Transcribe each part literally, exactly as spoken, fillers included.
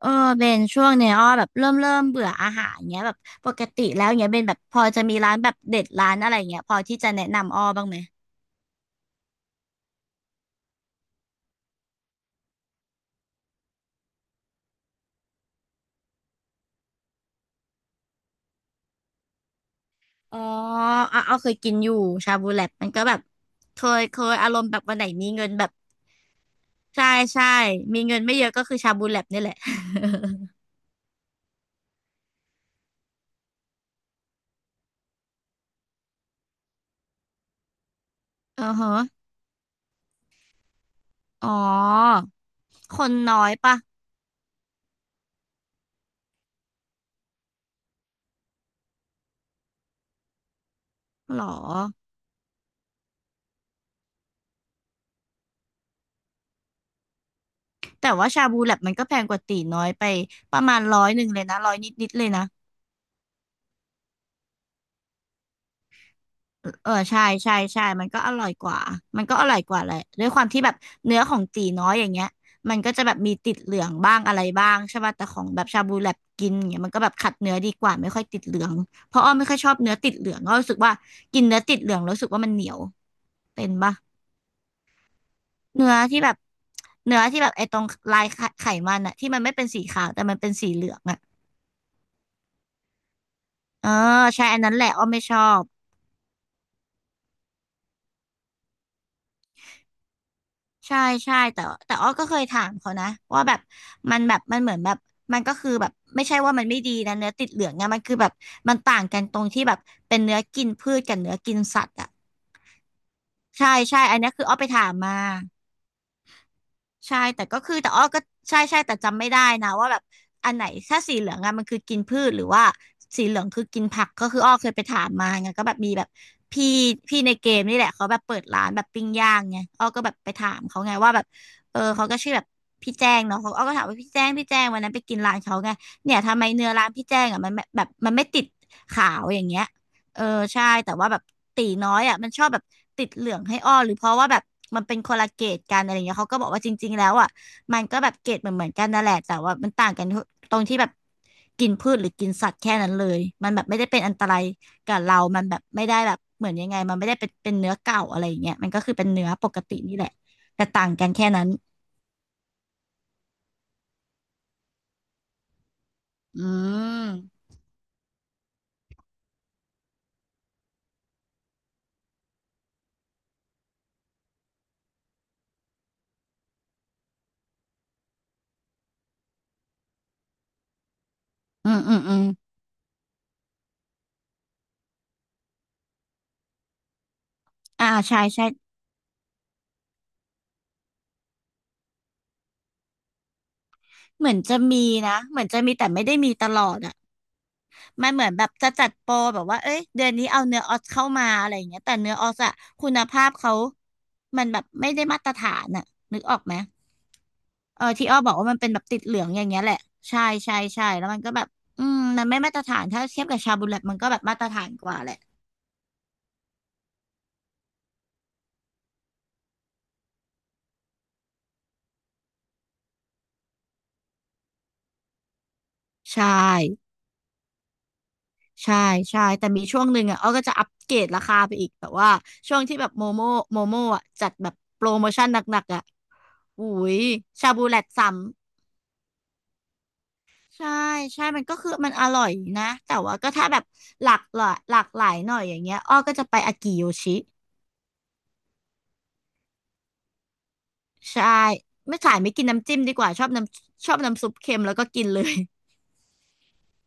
เออเบนช่วงเนี้ยอ้อแบบเริ่มเริ่มเบื่ออาหารเงี้ยแบบปกติแล้วเงี้ยเบนแบบพอจะมีร้านแบบเด็ดร้านอะไรเงี้ยพอที่จะแนะนำอ้อบ้างไหมอ๋ออ่ะอ้อเคยกินอยู่ชาบูแลบมันก็แบบเคยเคยอารมณ์แบบวันไหนมีเงินแบบใช่ใช่มีเงินไม่เยอะก็คือชาบูแลบนี่แหละ อือฮะอ๋อคนน้อยปะหรอแต่ว่าชาบูแลบมันก็แพงกว่าตีน้อยไปประมาณร้อยหนึ่งเลยนะร้อยนิดนิดเลยนะ เออใช่ใช่ใช่มันก็อร่อยกว่า มันก็อร่อยกว่าแหละด้วยความที่แบบเนื้อของตีน้อยอย่างเงี้ย มันก็จะแบบมีติดเหลืองบ้างอะไรบ้างใช่ป่ะแต่ของแบบชาบูแลบกินอย่างเงี้ยมันก็แบบขัดเนื้อดีกว่าไม่ค่อยติดเหลืองเพราะอ้อไม่ค่อยชอบเนื้อติดเหลืองอ้อรู้สึกว่ากินเนื้อติดเหลืองแล้วรู้สึกว่ามันเหนียวเป็นป่ะเนื้อที่แบบเนื้อที่แบบไอ้ตรงลายไขไขมันอะที่มันไม่เป็นสีขาวแต่มันเป็นสีเหลืองอะเออใช่อันนั้นแหละอ้อไม่ชอบ ใช่ใช่แต่แต่อ้อก็เคยถามเขานะว่าแบบมันแบบมันเหมือนแบบมันก็คือแบบไม่ใช่ว่ามันไม่ดีนะเนื้อติดเหลืองเนี่ยมันคือแบบมันต่างกันตรงที่แบบเป็นเนื้อกินพืชกับเนื้อกินสัตว์อ่ะใช่ใช่อันเนี้ยคืออ้อไปถามมา ใช่แต่ก็คือแต่อ้อก็ใช่ใช่แต่จำไม่ได้นะว่าแบบอันไหนถ้าสีเหลืองอะมันคือกินพืชหรือว่าสีเหลืองคือกินผักก็คืออ้อเคยไปถามมาไงก็แบบมีแบบพี่พี่ในเกมนี่แหละเขาแบบเปิดร้านแบบปิ้งย่างไงอ้อก็แบบไปถามเขาไงว่าแบบเออเขาก็ชื่อแบบพี่แจ้งเนาะเขาอ้อก็ถามว่าพี่แจ้งพี่แจ้งวันนั้นไปกินร้านเขาไงเนี่ยทำไมเนื้อร้านพี่แจ้งอะมันแบบมันไม่ติดขาวอย่างเงี้ย เออใช่แต่ว่าแบบตีน้อยอ่ะมันชอบแบบติดเหลืองให้อ้อหรือเพราะว่าแบบมันเป็นคนละเกรดกันอะไรเงี้ยเขาก็บอกว่าจริงๆแล้วอ่ะมันก็แบบเกรดเหมือนเหมือนกันนั่นแหละแต่ว่ามันต่างกันตรงที่แบบกินพืชหรือกินสัตว์แค่นั้นเลยมันแบบไม่ได้เป็นอันตรายกับเรามันแบบไม่ได้แบบเหมือนยังไงมันไม่ได้เป็นเป็นเนื้อเก่าอะไรเงี้ยมันก็คือเป็นเนื้อปกตินี่แหละแต่ต่างกันแค่นั้นอืมอืมอืมอืมอ่าใช่ใช่เหมือนจะมีนะเหมือนจะมีแต่ไม่ได้มีตลอดอะ มันเหมือนแบบจะจัดโปรแบบว่าเอ้ยเดือนนี้เอาเนื้อออสเข้ามาอะไรอย่างเงี้ยแต่เนื้อออสอะคุณภาพเขามันแบบไม่ได้มาตรฐานอะนึกออกไหมเออที่อ้อบอกว่ามันเป็นแบบติดเหลืองอย่างเงี้ยแหละใช่ใช่ใช่แล้วมันก็แบบอืมมันไม่มาตรฐานถ้าเทียบกับชาบูแลตมันก็แบบมาตรฐานกว่าแหละใช่ใช่ใช่แต่มีช่วงหนึ่งอ่ะอ้อก็จะอัปเกรดราคาไปอีกแบบว่าช่วงที่แบบโมโมโมโมอ่ะจัดแบบโปรโมชั่นหนักๆอ่ะอุ้ยชาบูแลตสาม ใช่ใช่มันก็คือมันอร่อยนะแต่ว่าก็ถ้าแบบหลากหลายหลากหลายหน่อยอย่างเงี้ยอ้อก็จะไปอากิโยชิใช่ไม่ขายไม่กินน้ำจิ้มดีกว่าชอบน้ำชอบน้ำซุปเค็มแล้วก็กินเลย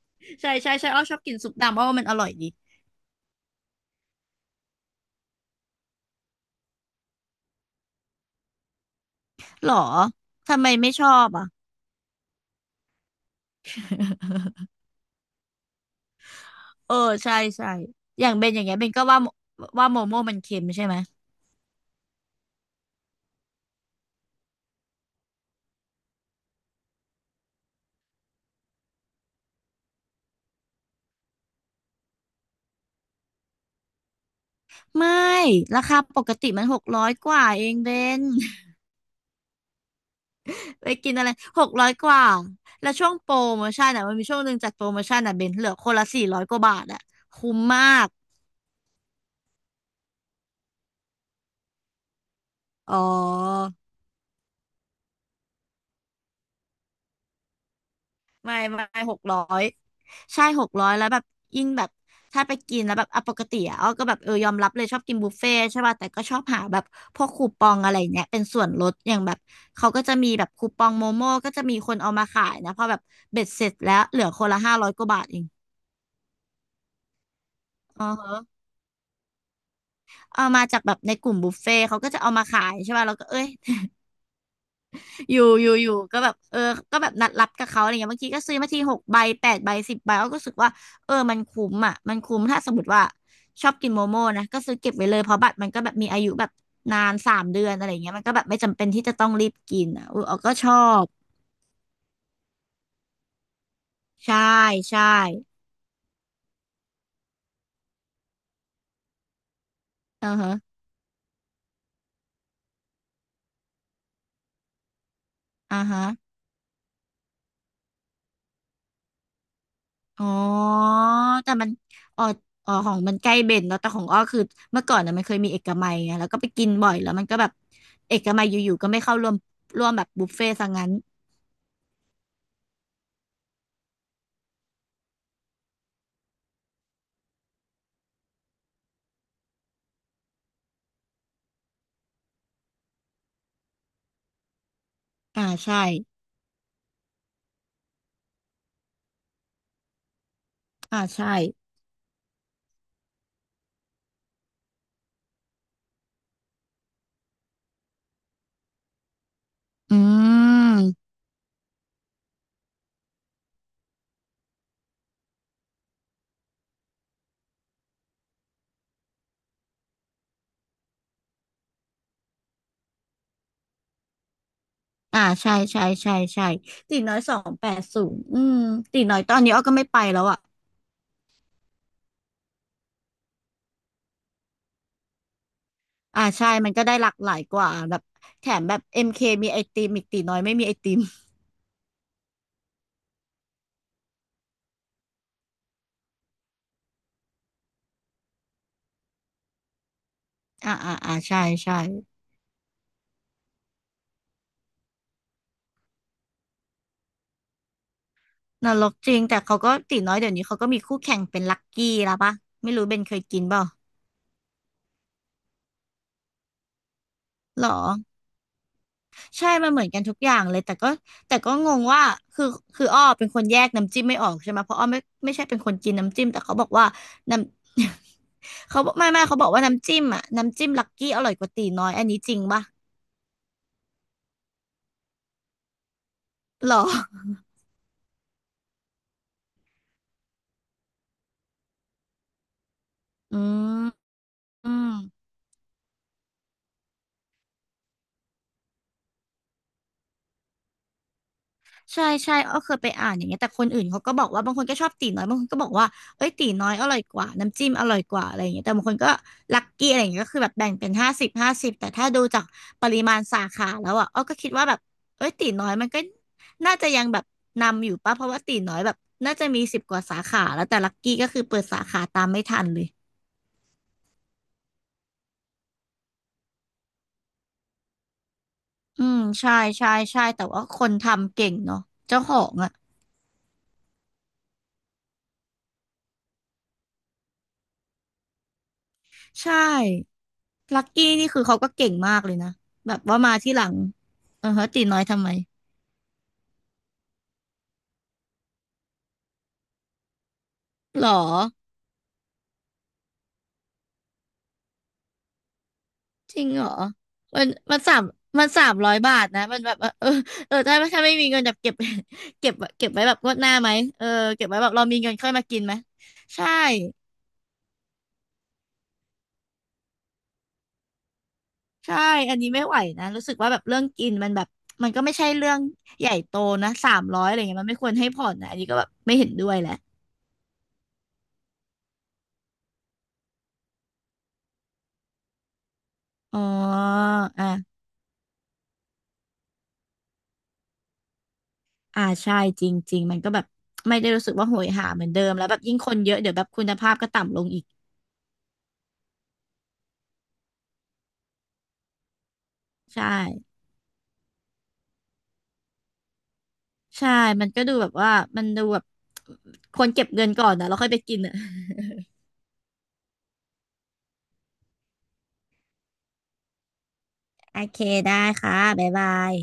ใช่ใช่ใช่อ้อชอบกินซุปดำเพราะว่ามันอร่อยดีหรอทำไมไม่ชอบอ่ะ เออใช่ใช่อย่างเบนอย่างเงี้ยเบนก็ว่าว่าโมโม่มันเค็มใช่ไหมไม่ราคาปกติมันหกร้อยกว่าเองเบน ไปกินอะไรหกร้อยกว่าแล้วช่วงโปรโมชั่นอ่ะมันมีช่วงหนึ่งจัดโปรโมชั่นอ่ะเบนเหลือคนละสี่ร้อยกว่าบาทอ่ะคุ้มมากอ๋อไม่ไม่หกร้อยใช่หกร้อยแล้วแบบยิ่งแบบถ้าไปกินแล้วแบบอ่ะปกติอ่ะอ้อก็แบบเออยอมรับเลยชอบกินบุฟเฟ่ต์ใช่ป่ะแต่ก็ชอบหาแบบพวกคูปองอะไรเนี้ยเป็นส่วนลดอย่างแบบเขาก็จะมีแบบคูปองโมโม่ก็จะมีคนเอามาขายนะพอแบบเบ็ดเสร็จแล้วเหลือคนละห้าร้อยกว่าบาทเองอ๋อ เอามาจากแบบในกลุ่มบุฟเฟ่ต์เขาก็จะเอามาขายใช่ป่ะเราก็เอ้ย อยู่อยู่อยู่ก็แบบเออก็แบบนัดรับกับเขาอะไรเงี้ยบางทีก็ซื้อมาทีหกใบแปดใบสิบใบเราก็รู้สึกว่าเออมันคุ้มอ่ะมันคุ้มถ้าสมมติว่าชอบกินโมโม่นะก็ซื้อเก็บไว้เลยเพราะบัตรมันก็แบบมีอายุแบบนานสามเดือนอะไรเงี้ยมันก็แบบไม่จำเป็นที่จะต้องรีบกินอ่ะเออเราก็ชอบใช่ใช่อือฮะอ่าฮะ อ๋อ แต่มันอ๋ออ๋อของมันใกล้เบนเนาะแต่ของอ้อคือเมื่อก่อนน่ะมันเคยมีเอกมัยไงแล้วก็ไปกินบ่อยแล้วมันก็แบบเอกมัยอยู่ๆก็ไม่เข้าร่วมร่วมแบบบุฟเฟ่ต์ซะงั้นอ่าใช่อ่าใช่อืมอ่าใช่ใช่ใช่ใช่ตีน้อยสองแปดศูนย์อืมตีน้อยตอนนี้อ้อก็ไม่ไปแล้วอ่ะอ่าใช่มันก็ได้หลากหลายกว่าแบบแถมแบบเอ็มเคมีไอติมอีกตีน้อยไม่มีไอติมอ่าอ่าอ่าใช่ใช่ นรกจริงแต่เขาก็ตีน้อยเดี๋ยวนี้เขาก็มีคู่แข่งเป็นลักกี้แล้วปะไม่รู้เบนเคยกินเปล่าหรอใช่มันเหมือนกันทุกอย่างเลยแต่ก็แต่ก็งงว่าคือคืออ้อเป็นคนแยกน้ำจิ้มไม่ออกใช่ไหมเพราะอ้อไม่ไม่ใช่เป็นคนกินน้ำจิ้มแต่เขาบอกว่าน้ำ เขาบอกไม่ไม่เขาบอกว่าน้ำจิ้มอ่ะน้ำจิ้มลักกี้อร่อยกว่าตีน้อยอันนี้จริงปะหรออืมอืม ใช่ใช่อ้อเคยไปอ่านอย่างเงี้ยแต่คนอื่นเขาก็บอกว่าบางคนก็ชอบตีน้อยบางคนก็บอกว่าเอ้ยตีน้อยอร่อยกว่าน้ำจิ้มอร่อยกว่าอะไรอย่างเงี้ยแต่บางคนก็ลัคกี้อะไรอย่างเงี้ยก็คือแบบแบ่งเป็นห้าสิบห้าสิบแต่ถ้าดูจากปริมาณสาขาแล้วอ่ะอ้อก็คิดว่าแบบเอ้ยตีน้อยมันก็น่าจะยังแบบนำอยู่ป่ะเพราะว่าตีน้อยแบบน่าจะมีสิบกว่าสาขาแล้วแต่ลัคกี้ก็คือเปิดสาขาตามไม่ทันเลยอืมใช่ใช่ใช่แต่ว่าคนทำเก่งเนาะเจ้าของอ่ะใช่ ลักกี้นี่คือเขาก็เก่งมากเลยนะแบบว่ามาที่หลังเออฮะตีน้อยทำไมหรอจริงเหรอมันมันสามมันสามร้อยบาทนะมันแบบว่าเออเออถ้าถ้าไม่มีเงินแบบเก็บ เก็บเก็บไว้แบบงวดหน้าไหมเออเก็บไว้แบบเรามีเงินค่อยมากินไหมใช่ใช่อันนี้ไม่ไหวนะรู้สึกว่าแบบเรื่องกินมันแบบมันก็ไม่ใช่เรื่องใหญ่โตนะสามร้อยอะไรเงี้ยมันไม่ควรให้ผ่อนนะอันนี้ก็แบบไม่เห็นด้วยแหละอ๋ออ่า อ่าใช่จริงๆมันก็แบบไม่ได้รู้สึกว่าโหยหาเหมือนเดิมแล้วแบบยิ่งคนเยอะเดี๋ยวแบบคุณภาพก็ต่ำลงอีกใช่ใช่มันก็ดูแบบว่ามันดูแบบควรเก็บเงินก่อนนะแล้วค่อยไปกินอ่ะโอเคได้ค่ะบ๊ายบาย